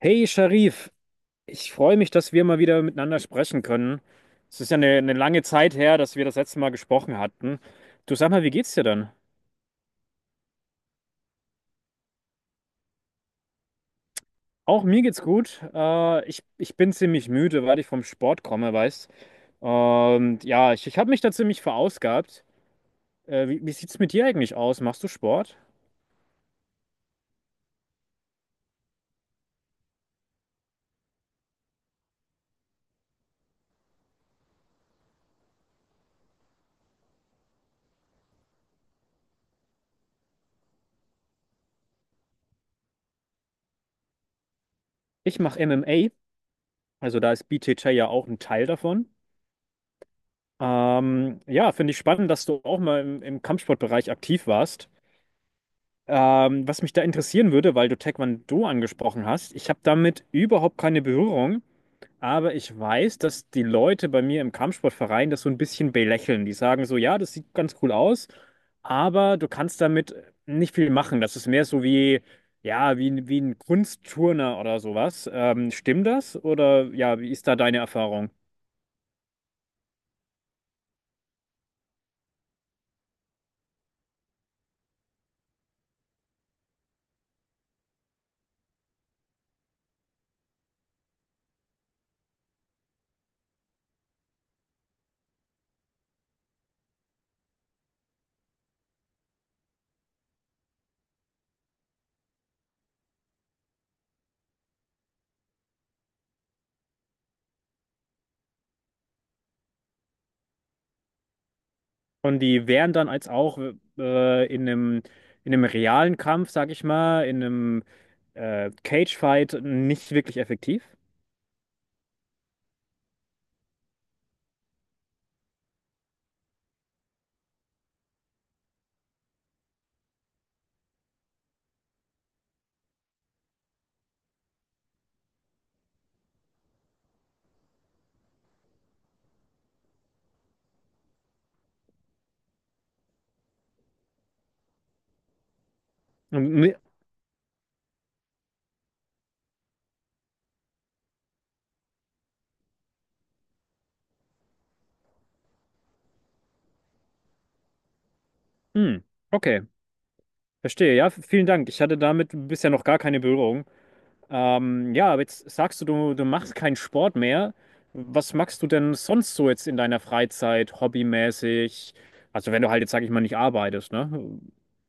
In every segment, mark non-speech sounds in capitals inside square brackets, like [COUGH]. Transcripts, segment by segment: Hey Sharif, ich freue mich, dass wir mal wieder miteinander sprechen können. Es ist ja eine lange Zeit her, dass wir das letzte Mal gesprochen hatten. Du sag mal, wie geht's dir denn? Auch mir geht's gut. Ich bin ziemlich müde, weil ich vom Sport komme, weißt. Und ja, ich habe mich da ziemlich verausgabt. Wie sieht's mit dir eigentlich aus? Machst du Sport? Ich mache MMA, also da ist BJJ ja auch ein Teil davon. Ja, finde ich spannend, dass du auch mal im Kampfsportbereich aktiv warst. Was mich da interessieren würde, weil du Taekwondo angesprochen hast, ich habe damit überhaupt keine Berührung, aber ich weiß, dass die Leute bei mir im Kampfsportverein das so ein bisschen belächeln. Die sagen so, ja, das sieht ganz cool aus, aber du kannst damit nicht viel machen. Das ist mehr so wie, ja, wie, wie ein Kunstturner oder sowas. Stimmt das? Oder ja, wie ist da deine Erfahrung? Und die wären dann als auch in in einem realen Kampf, sag ich mal, in einem Cage-Fight nicht wirklich effektiv. Hm, hm, okay, verstehe. Ja, vielen Dank. Ich hatte damit bisher noch gar keine Berührung. Ja, aber jetzt sagst du, du machst keinen Sport mehr. Was machst du denn sonst so jetzt in deiner Freizeit, hobbymäßig? Also wenn du halt jetzt, sag ich mal, nicht arbeitest, ne?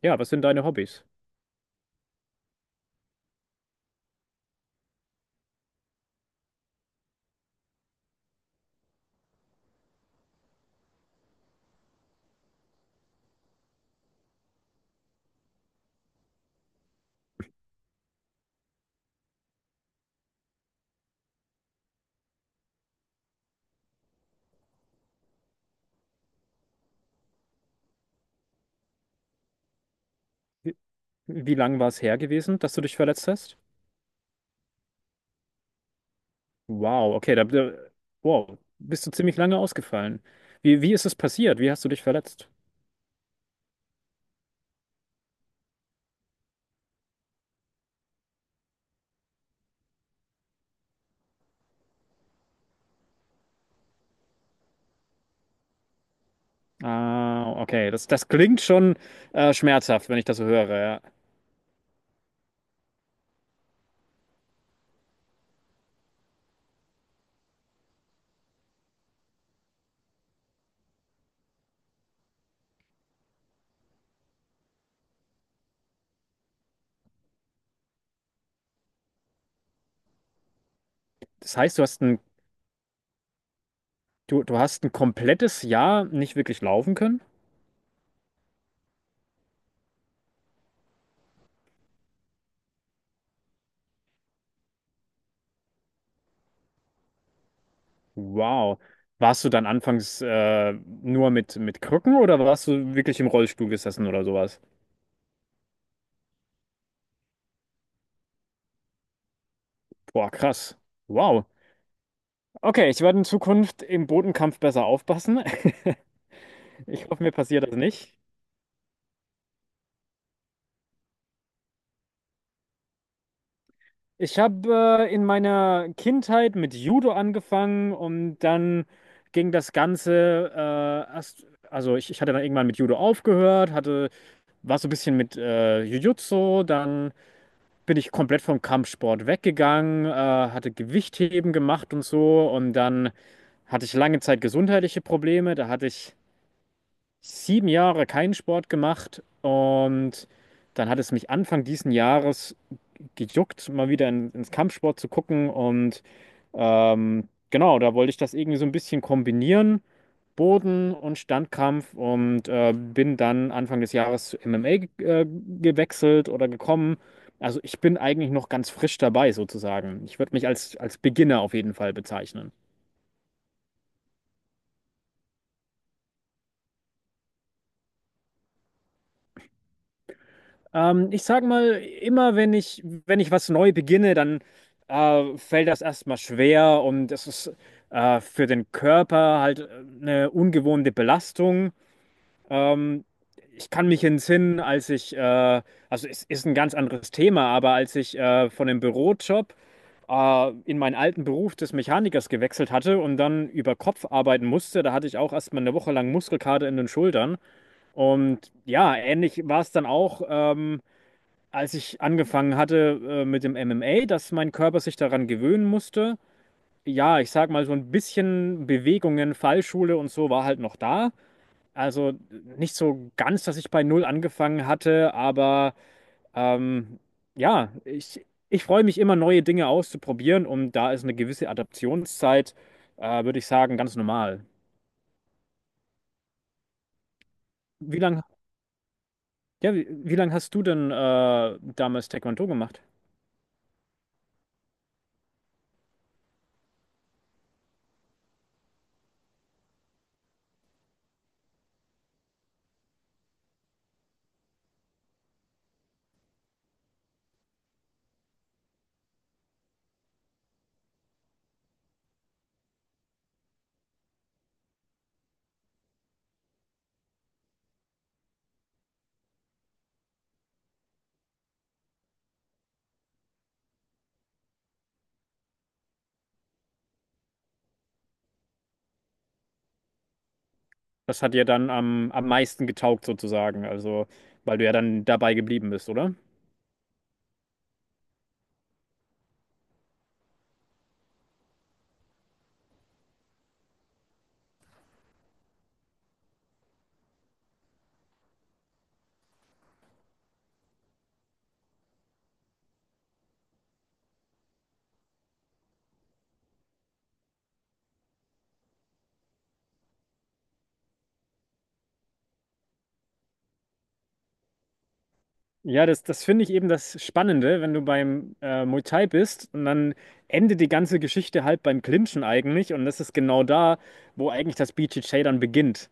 Ja, was sind deine Hobbys? Wie wie lang war es her gewesen, dass du dich verletzt hast? Wow, okay, da wow, bist du ziemlich lange ausgefallen. Wie ist es passiert? Wie hast du dich verletzt? Ah, okay, das klingt schon schmerzhaft, wenn ich das so höre. Ja. Das heißt, du hast ein komplettes Jahr nicht wirklich laufen können? Wow. Warst du dann anfangs nur mit Krücken oder warst du wirklich im Rollstuhl gesessen oder sowas? Boah, krass. Wow. Okay, ich werde in Zukunft im Bodenkampf besser aufpassen. [LAUGHS] Ich hoffe, mir passiert das nicht. Ich habe in meiner Kindheit mit Judo angefangen und dann ging das Ganze erst, also ich hatte dann irgendwann mit Judo aufgehört, hatte, war so ein bisschen mit Jiu-Jitsu, dann bin ich komplett vom Kampfsport weggegangen, hatte Gewichtheben gemacht und so und dann hatte ich lange Zeit gesundheitliche Probleme, da hatte ich sieben Jahre keinen Sport gemacht und dann hat es mich Anfang diesen Jahres gejuckt, mal wieder ins Kampfsport zu gucken und genau, da wollte ich das irgendwie so ein bisschen kombinieren, Boden- und Standkampf und bin dann Anfang des Jahres zu MMA ge gewechselt oder gekommen. Also ich bin eigentlich noch ganz frisch dabei sozusagen. Ich würde mich als Beginner auf jeden Fall bezeichnen. Ich sag mal, immer wenn wenn ich was neu beginne, dann fällt das erstmal schwer und es ist für den Körper halt eine ungewohnte Belastung. Ähm, Ich kann mich entsinnen, als ich also es ist ein ganz anderes Thema, aber als ich von dem Bürojob in meinen alten Beruf des Mechanikers gewechselt hatte und dann über Kopf arbeiten musste, da hatte ich auch erstmal eine Woche lang Muskelkater in den Schultern. Und ja, ähnlich war es dann auch, als ich angefangen hatte mit dem MMA, dass mein Körper sich daran gewöhnen musste. Ja, ich sag mal, so ein bisschen Bewegungen, Fallschule und so war halt noch da. Also nicht so ganz, dass ich bei Null angefangen hatte, aber ähm, ja, ich freue mich immer, neue Dinge auszuprobieren und da ist eine gewisse Adaptionszeit, würde ich sagen, ganz normal. Wie lang, ja, wie lang hast du denn damals Taekwondo gemacht? Das hat dir dann am meisten getaugt sozusagen, also weil du ja dann dabei geblieben bist, oder? Ja, das finde ich eben das Spannende, wenn du beim Muay Thai bist und dann endet die ganze Geschichte halt beim Clinchen eigentlich und das ist genau da, wo eigentlich das BJJ dann beginnt.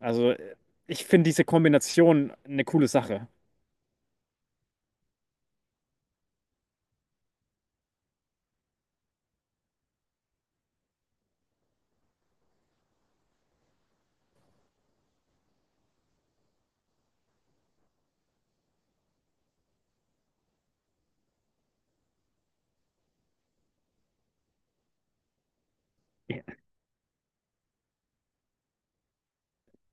Also äh, Ich finde diese Kombination eine coole Sache. Ja.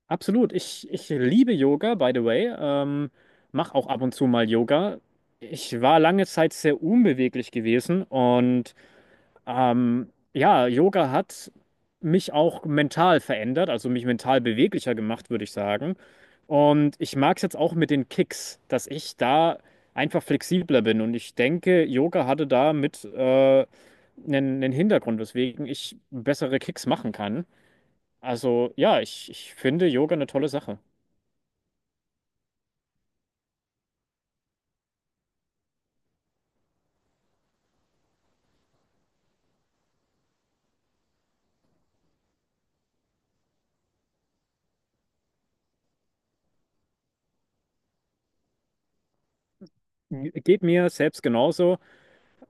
Absolut, ich liebe Yoga, by the way. Mache auch ab und zu mal Yoga. Ich war lange Zeit sehr unbeweglich gewesen und ja, Yoga hat mich auch mental verändert, also mich mental beweglicher gemacht, würde ich sagen. Und ich mag es jetzt auch mit den Kicks, dass ich da einfach flexibler bin. Und ich denke, Yoga hatte da mit einen Hintergrund, weswegen ich bessere Kicks machen kann. Also ja, ich finde Yoga eine tolle Sache. Geht mir selbst genauso.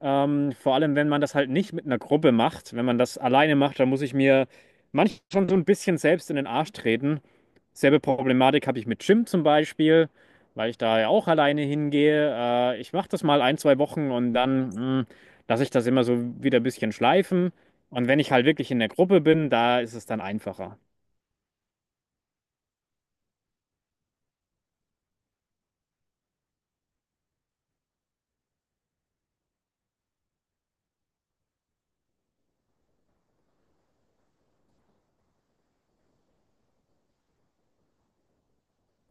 Vor allem, wenn man das halt nicht mit einer Gruppe macht, wenn man das alleine macht, dann muss ich mir manchmal schon so ein bisschen selbst in den Arsch treten. Selbe Problematik habe ich mit Gym zum Beispiel, weil ich da ja auch alleine hingehe. Ich mache das mal ein, zwei Wochen und lasse ich das immer so wieder ein bisschen schleifen. Und wenn ich halt wirklich in der Gruppe bin, da ist es dann einfacher.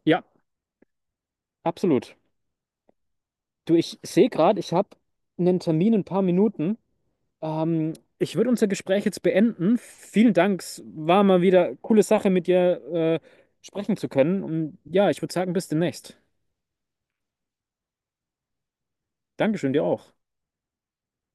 Ja, absolut. Du, ich sehe gerade, ich habe einen Termin in ein paar Minuten. Ähm, Ich würde unser Gespräch jetzt beenden. Vielen Dank. Es war mal wieder coole Sache, mit dir äh, sprechen zu können. Und ja, ich würde sagen, bis demnächst. Dankeschön, dir auch.